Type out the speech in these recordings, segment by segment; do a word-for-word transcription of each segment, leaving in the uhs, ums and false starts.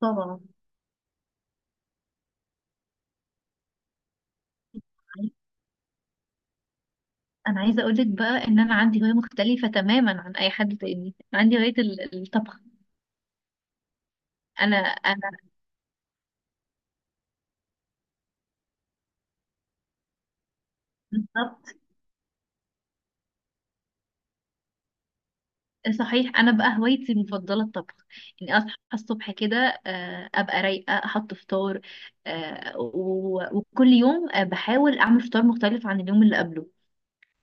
طبعا. انا عايزه اقولك بقى ان انا عندي هوايه مختلفه تماما عن اي حد تاني. عندي هوايه ال- الطبخ. انا انا بالظبط. صحيح، انا بقى هوايتي المفضله الطبخ. يعني اصحى الصبح كده، آه، ابقى رايقه احط فطار. آه، و- وكل يوم آه، بحاول اعمل فطار مختلف عن اليوم اللي قبله.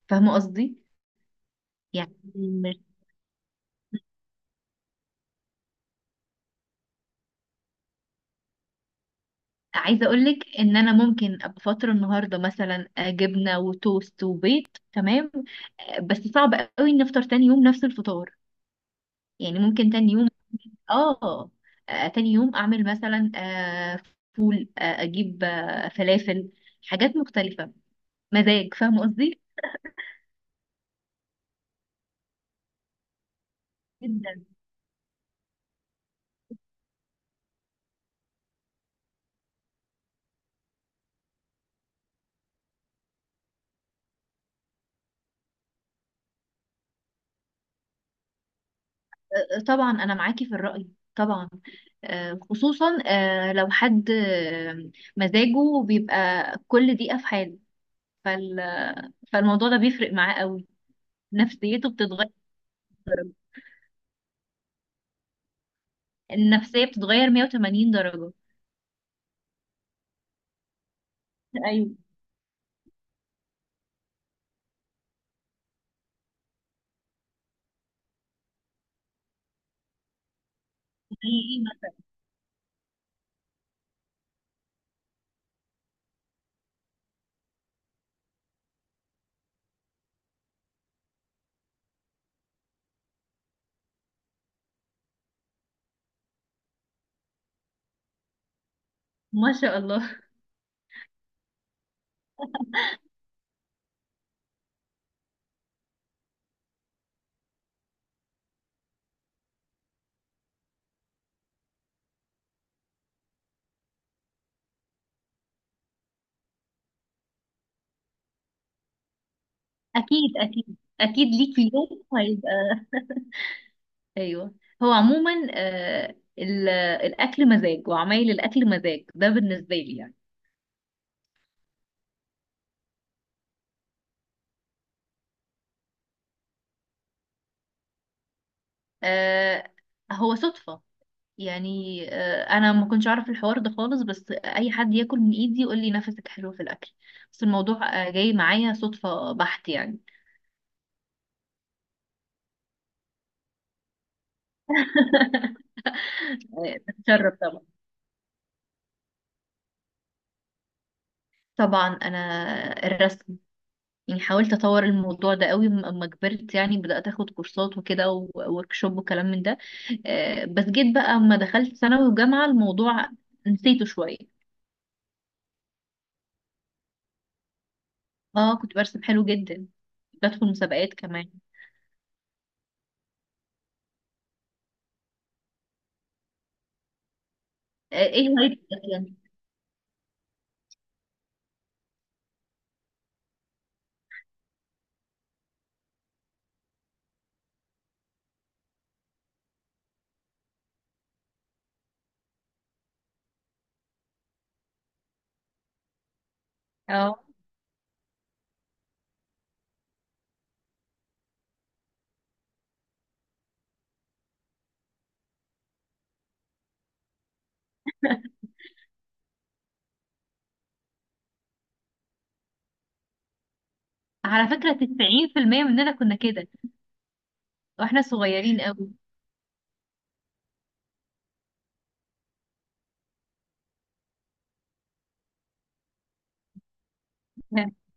فاهمه قصدي؟ يعني عايزه اقولك ان انا ممكن ابقى فاطره النهارده مثلا آه، جبنه وتوست وبيض. تمام. آه، بس صعب قوي ان افطر تاني يوم نفس الفطار. يعني ممكن تاني يوم، اه، آه، تاني يوم اعمل مثلا آه، فول، آه، اجيب آه، فلافل. حاجات مختلفه، مزاج. فاهمه قصدي؟ جدا. آه، طبعا انا معاكي في الرأي. طبعا آه، خصوصا آه، لو حد آه، مزاجه بيبقى كل دقيقه في حاله. فال- فالموضوع ده بيفرق معاه قوي. نفسيته بتتغير درجة. النفسية بتتغير مية وتمانين درجة. ايوه، حقيقي. ما شاء الله. اكيد اكيد اكيد ليك في يوم هيبقى. ايوه. هو عموما آه ال- الاكل مزاج، وعمايل الاكل مزاج ده بالنسبة لي. يعني آه هو صدفة، يعني آه انا ما كنتش اعرف الحوار ده خالص، بس اي حد ياكل من ايدي يقول لي نفسك حلو في الاكل. بس الموضوع آه، جاي معايا صدفة بحت يعني. آه، بتشرف طبعا. طبعا انا الرسم. يعني حاولت اطور الموضوع ده قوي م- اما كبرت، يعني بدات اخد كورسات وكده ووركشوب وكلام من ده. آه، بس جيت بقى اما دخلت ثانوي وجامعه الموضوع نسيته شويه. اه، كنت برسم حلو جدا. بدخل مسابقات كمان. آه، ايه هوايتك اصلا؟ اه. على فكره تسعين في المية مننا كنا كده واحنا صغيرين قوي.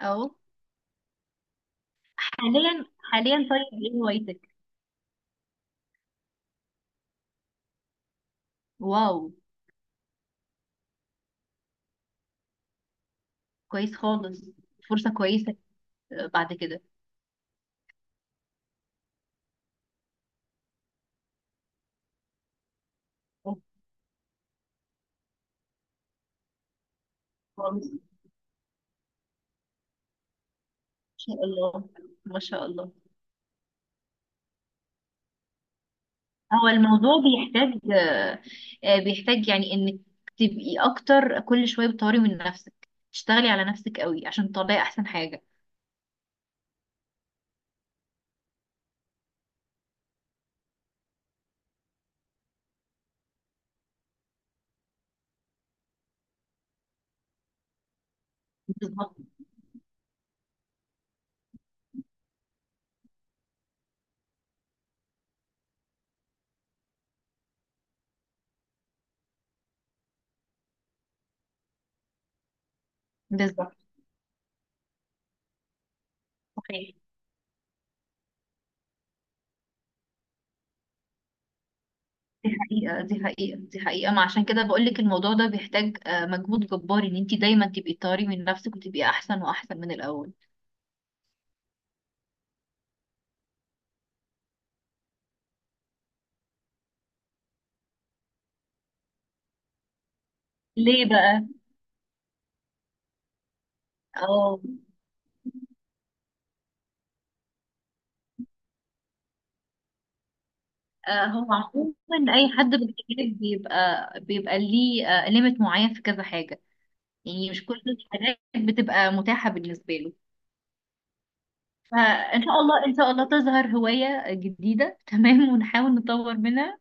اه. حاليا. حاليا طيب ايه هوايتك؟ واو. كويس خالص. فرصه كويسه آه، بعد كده. شاء الله، ما شاء الله. هو الموضوع بيحتاج، آه، آه، بيحتاج، يعني انك تبقي اكتر كل شويه بتطوري من نفسك، تشتغلي على نفسك قوي عشان تطلعي احسن حاجه. بالظبط. بالظبط. صحيح. دي حقيقه، دي حقيقه، دي حقيقه. ما عشان كده بقول لك الموضوع ده بيحتاج آه، مجهود جبار ان انت دايما تبقي تطوري من نفسك وتبقي احسن واحسن من الاول. ليه بقى؟ اه. آه، هو عموما اي حد بيتكلم بيبقى بيبقى ليه ليميت معين في كذا حاجه. يعني مش كل الحاجات بتبقى متاحة بالنسبة له. فإن شاء الله، إن شاء الله تظهر هواية جديدة. تمام، ونحاول نطور منها،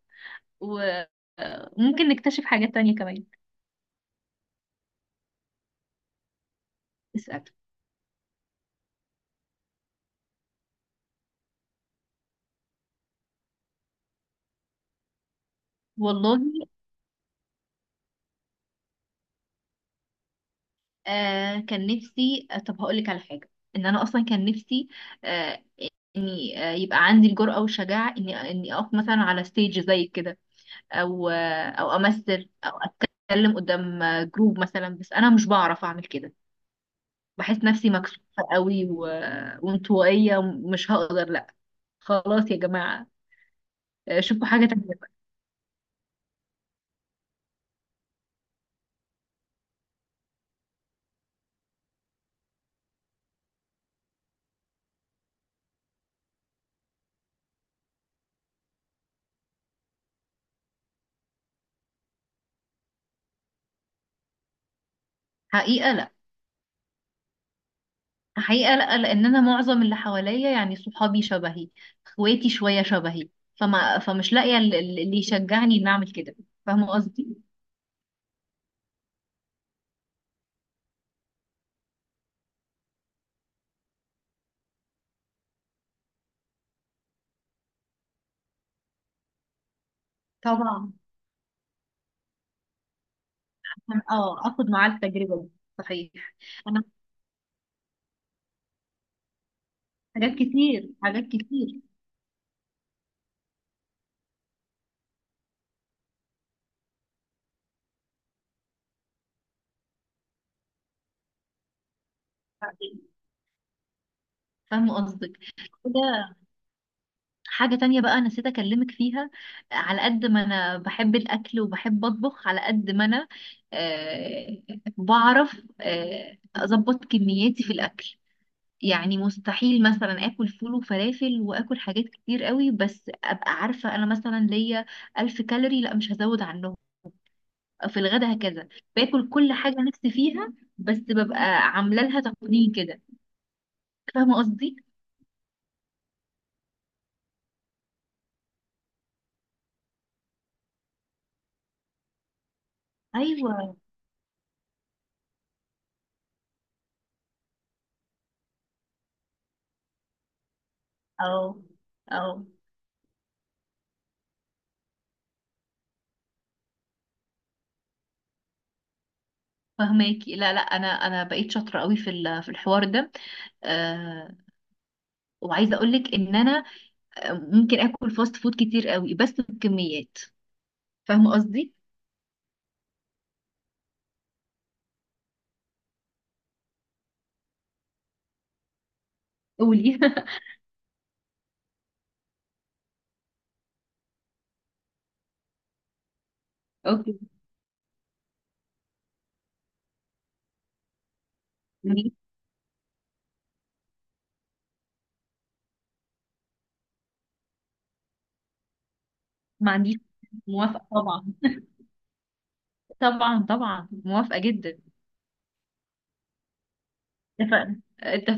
وممكن نكتشف حاجات تانية كمان. اسأل. والله، آه كان نفسي، آه، طب هقولك على حاجة. إن أنا أصلا كان نفسي آه إني، آه يبقى عندي الجرأة والشجاعة إني إني أقف مثلا على ستيج زي كده، أو آه أو أمثل، أو أتكلم قدام آه، جروب مثلا. بس أنا مش بعرف أعمل كده. بحس نفسي مكسوفة قوي، و... وانطوائية. مش هقدر، لا، خلاص يا جماعة، آه، شوفوا حاجة تانية بقى. حقيقة لا. حقيقة لا، لأن أنا معظم اللي حواليا يعني صحابي شبهي، اخواتي شوية شبهي. فما فمش لاقية ال- ال- اللي يشجعني إني أعمل كده. فاهمة قصدي؟ طبعا. اه، اخد معاه التجربة دي. صحيح. انا حاجات كتير، حاجات كتير. فاهمة قصدك. كده حاجة تانية بقى أنا نسيت أكلمك فيها. على قد ما أنا بحب الأكل وبحب أطبخ، على قد ما أنا آه، بعرف آه، أظبط كمياتي في الأكل. يعني مستحيل مثلا آكل فول وفلافل وآكل حاجات كتير قوي، بس أبقى عارفة أنا مثلا ليا ألف كالوري، لا مش هزود عنهم في الغدا هكذا. باكل كل حاجة نفسي فيها، بس ببقى عاملة لها تقنين كده. فاهمة قصدي؟ ايوه. أو أو فهماكي. لا لا، انا انا بقيت شاطره قوي في ال- في الحوار ده، آه وعايزه اقول لك ان انا آه، ممكن اكل فاست فود كتير قوي بس بكميات. فاهمه قصدي؟ قولي. اوكي. قولي. ما عنديش. موافقه طبعا. طبعا طبعا موافقه جدا. اتفقنا، اتفقنا.